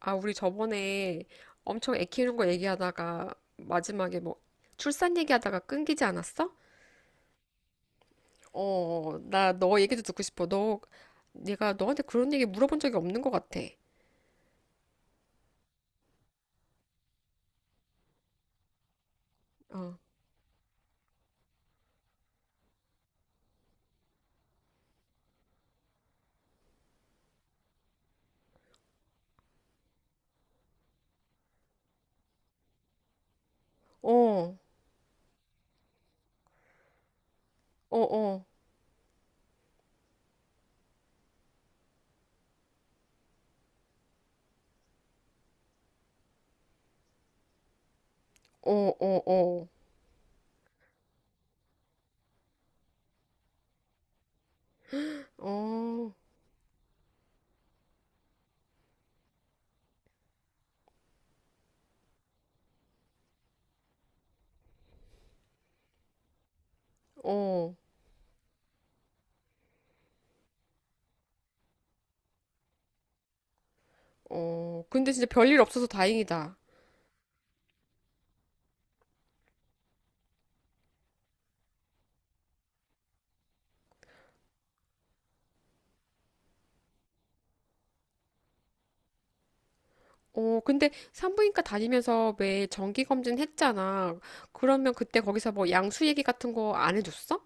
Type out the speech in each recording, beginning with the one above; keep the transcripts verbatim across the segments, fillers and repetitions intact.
아, 우리 저번에 엄청 애 키우는 거 얘기하다가 마지막에 뭐 출산 얘기하다가 끊기지 않았어? 어, 나 너 얘기도 듣고 싶어. 너 내가 너한테 그런 얘기 물어본 적이 없는 것 같아. 어, 어, 어, 어, 어, 어, 어, 어, 어, 어. 근데 진짜 별일 없어서 다행이다. 어, 근데 산부인과 다니면서 왜 정기 검진 했잖아. 그러면 그때 거기서 뭐 양수 얘기 같은 거 안 해줬어?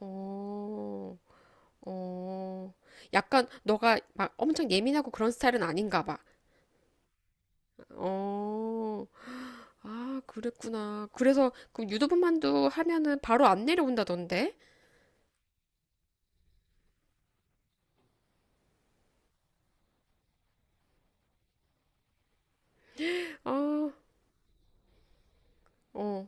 어. 어, 약간 너가 막 엄청 예민하고 그런 스타일은 아닌가 봐. 어, 아, 그랬구나. 그래서 그 유도분만두 하면은 바로 안 내려온다던데? 아, 어,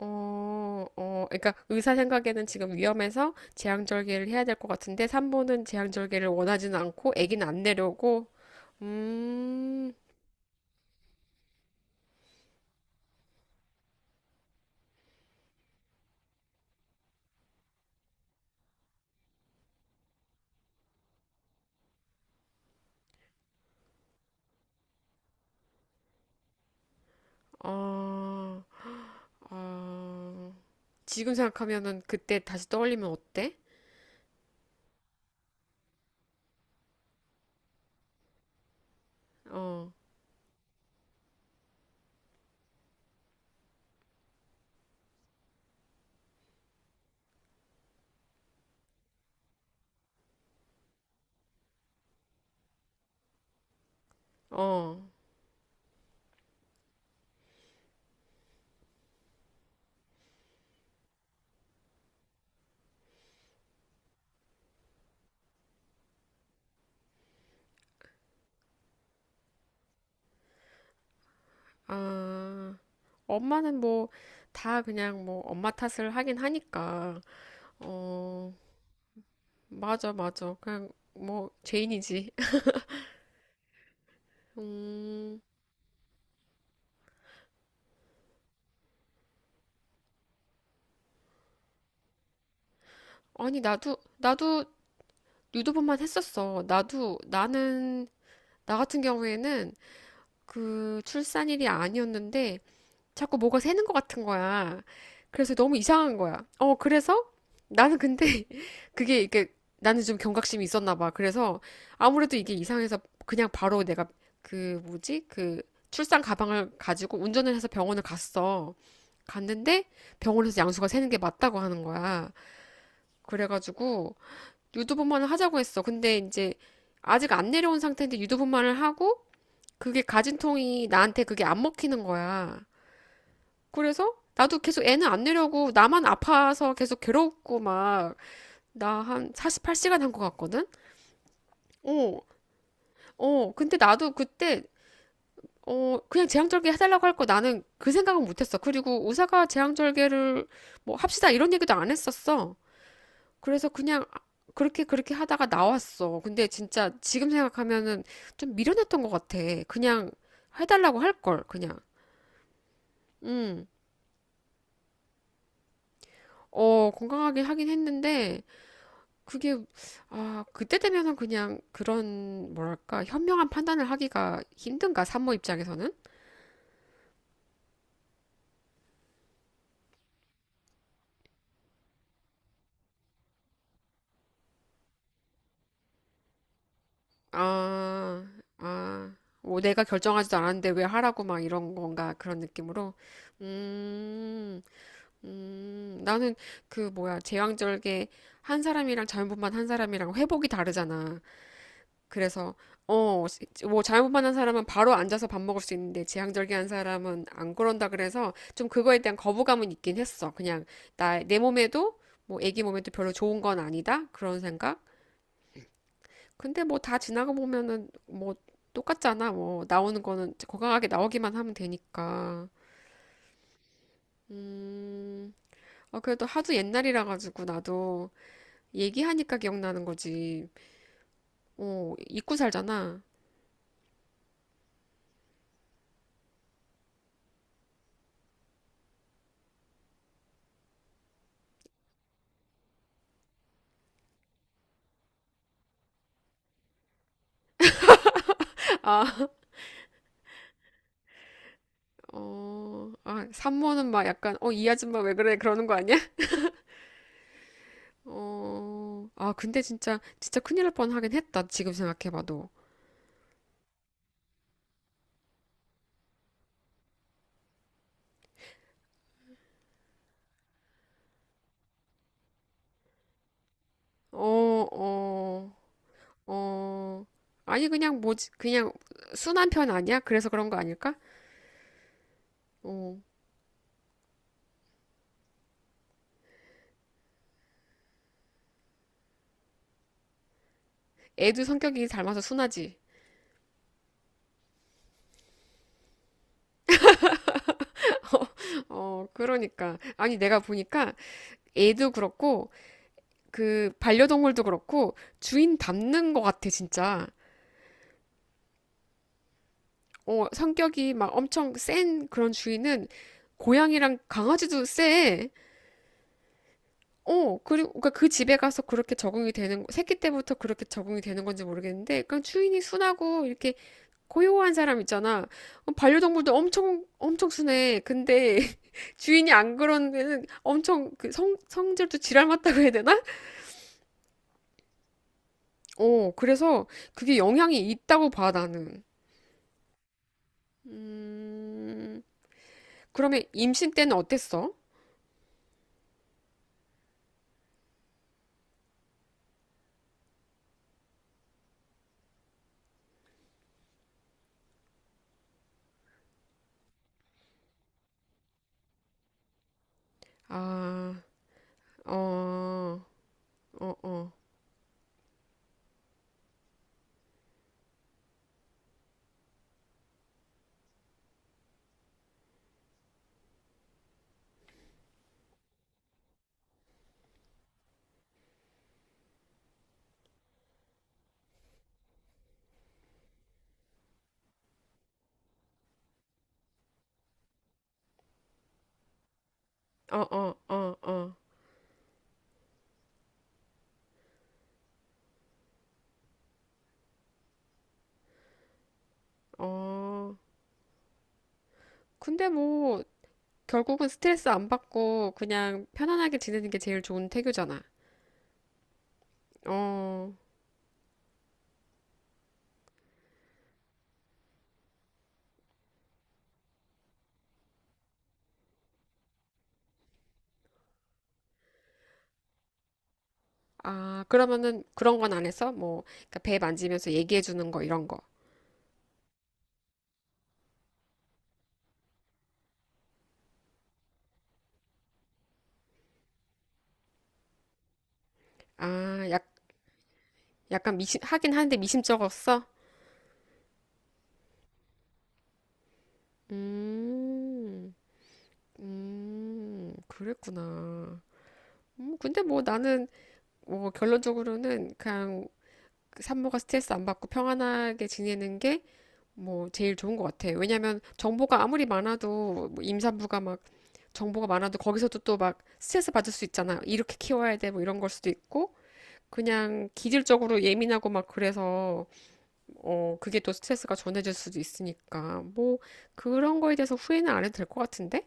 어, 어. 그러니까 의사 생각에는 지금 위험해서 제왕절개를 해야 될 것 같은데 산모는 제왕절개를 원하지는 않고 아기는 안 내려오고. 음, 아, 아. 지금 생각하면은 그때 다시 떠올리면 어때? 어, 어. 아, 엄마는 뭐, 다 그냥 뭐, 엄마 탓을 하긴 하니까. 어, 맞아, 맞아. 그냥 뭐, 죄인이지. 음, 아니, 나도, 나도 유도분만 했었어. 나도, 나는, 나 같은 경우에는 그 출산일이 아니었는데, 자꾸 뭐가 새는 것 같은 거야. 그래서 너무 이상한 거야. 어, 그래서 나는 근데 그게 이게 나는 좀 경각심이 있었나 봐. 그래서 아무래도 이게 이상해서 그냥 바로 내가 그 뭐지? 그 출산 가방을 가지고 운전을 해서 병원을 갔어. 갔는데 병원에서 양수가 새는 게 맞다고 하는 거야. 그래가지고 유두분만을 하자고 했어. 근데 이제 아직 안 내려온 상태인데 유두분만을 하고 그게 가진통이 나한테 그게 안 먹히는 거야. 그래서 나도 계속 애는 안 내려고 나만 아파서 계속 괴롭고 막 나 한 사십팔 시간 한 것 같거든? 어, 어. 근데 나도 그때 어 그냥 제왕절개 해달라고 할 거 나는 그 생각은 못했어. 그리고 의사가 제왕절개를 뭐 합시다 이런 얘기도 안 했었어. 그래서 그냥 그렇게 그렇게 하다가 나왔어. 근데 진짜 지금 생각하면은 좀 미련했던 것 같아. 그냥 해달라고 할 걸, 그냥. 음, 어, 건강하게 하긴 했는데. 그게 아 그때 되면은 그냥 그런 뭐랄까 현명한 판단을 하기가 힘든가 산모 입장에서는 아 아 뭐 내가 결정하지도 않았는데 왜 하라고 막 이런 건가 그런 느낌으로 음 음 나는 그 뭐야 제왕절개 한 사람이랑 자연분만 한 사람이랑 회복이 다르잖아 그래서 어, 뭐 잘못만 한 사람은 바로 앉아서 밥 먹을 수 있는데 지향절개한 사람은 안 그런다 그래서 좀 그거에 대한 거부감은 있긴 했어. 그냥 나 내 몸에도 뭐 애기 몸에도 별로 좋은 건 아니다 그런 생각. 근데 뭐 다 지나가 보면은 뭐 똑같잖아. 뭐 나오는 거는 건강하게 나오기만 하면 되니까. 음, 아 그래도 하도 옛날이라 가지고 나도 얘기하니까 기억나는 거지. 어, 잊고 살잖아. 아. 어, 아, 산모는 막 약간, 어, 이 아줌마 왜 그래? 그러는 거 아니야? 어, 아, 근데 진짜, 진짜 큰일 날 뻔하긴 했다. 지금 생각해봐도. 어, 어, 어. 아니, 그냥 뭐지? 그냥 순한 편 아니야? 그래서 그런 거 아닐까? 어. 애도 성격이 닮아서 순하지. 어, 그러니까. 아니, 내가 보니까 애도 그렇고, 그, 반려동물도 그렇고, 주인 닮는 거 같아, 진짜. 어, 성격이 막 엄청 센 그런 주인은 고양이랑 강아지도 세. 어, 그리고 그러니까 그 집에 가서 그렇게 적응이 되는, 새끼 때부터 그렇게 적응이 되는 건지 모르겠는데, 그냥 주인이 순하고 이렇게 고요한 사람 있잖아. 어, 반려동물도 엄청, 엄청 순해. 근데 주인이 안 그런 데는 엄청 그 성, 성질도 지랄 맞다고 해야 되나? 어, 그래서 그게 영향이 있다고 봐, 나는. 음, 그러면 임신 때는 어땠어? 아. 어, 어, 어, 어, 어, 어, 어, 어. 근데 뭐, 결국은 스트레스 안 받고 그냥 편안하게 지내는 게 제일 좋은 태교잖아. 어, 아, 그러면은 그런 건 안 했어? 뭐, 그러니까 배 만지면서 얘기해 주는 거, 이런 거. 아, 약, 약간 미심, 하긴 하는데 미심쩍었어? 음, 음, 그랬구나. 음, 근데 뭐 나는, 뭐 결론적으로는 그냥 산모가 스트레스 안 받고 평안하게 지내는 게 뭐 제일 좋은 것 같아. 왜냐면 하 정보가 아무리 많아도 뭐 임산부가 막 정보가 많아도 거기서도 또 막 스트레스 받을 수 있잖아. 이렇게 키워야 돼 뭐 이런 걸 수도 있고 그냥 기질적으로 예민하고 막 그래서 어 그게 또 스트레스가 전해질 수도 있으니까 뭐 그런 거에 대해서 후회는 안 해도 될 것 같은데?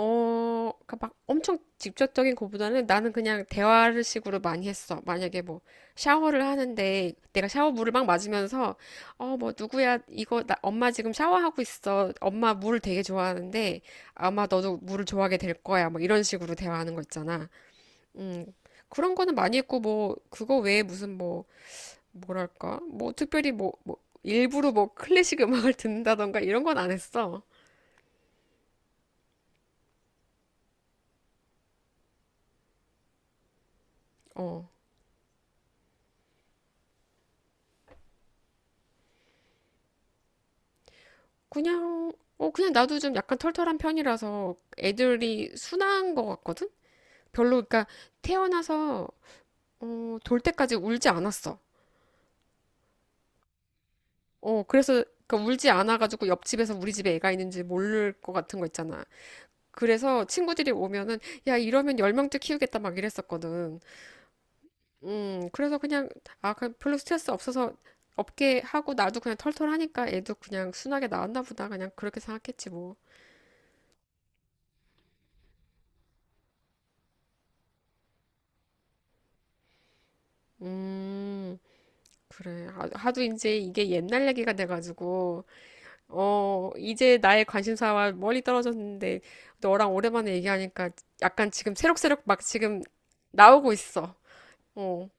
어, 그러니까 막 엄청 직접적인 것보다는 나는 그냥 대화를 식으로 많이 했어. 만약에 뭐 샤워를 하는데 내가 샤워 물을 막 맞으면서 어, 뭐 누구야 이거 나 엄마 지금 샤워하고 있어. 엄마 물을 되게 좋아하는데 아마 너도 물을 좋아하게 될 거야. 뭐 이런 식으로 대화하는 거 있잖아. 음. 그런 거는 많이 했고 뭐 그거 외에 무슨 뭐 뭐랄까? 뭐 특별히 뭐, 뭐 일부러 뭐 클래식 음악을 듣는다던가 이런 건 안 했어. 어. 그냥, 어, 그냥 나도 좀 약간 털털한 편이라서 애들이 순한 것 같거든? 별로, 그러니까 태어나서, 어, 돌 때까지 울지 않았어. 어, 그래서, 그러니까 울지 않아가지고 옆집에서 우리 집에 애가 있는지 모를 것 같은 거 있잖아. 그래서 친구들이 오면은, 야, 이러면 열 명째 키우겠다 막 이랬었거든. 음, 그래서 그냥, 아, 그냥 별로 스트레스 없어서 없게 하고 나도 그냥 털털하니까 애도 그냥 순하게 나왔나 보다. 그냥 그렇게 생각했지 뭐. 음. 그래. 하- 하도 이제 이게 옛날 얘기가 돼가지고, 어, 이제 나의 관심사와 멀리 떨어졌는데, 너랑 오랜만에 얘기하니까 약간 지금 새록새록 막 지금 나오고 있어. 어,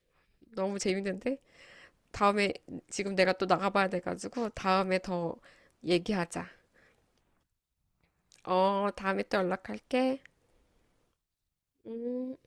너무 재밌는데? 다음에, 지금 내가 또 나가봐야 돼가지고, 다음에 더 얘기하자. 어, 다음에 또 연락할게. 음.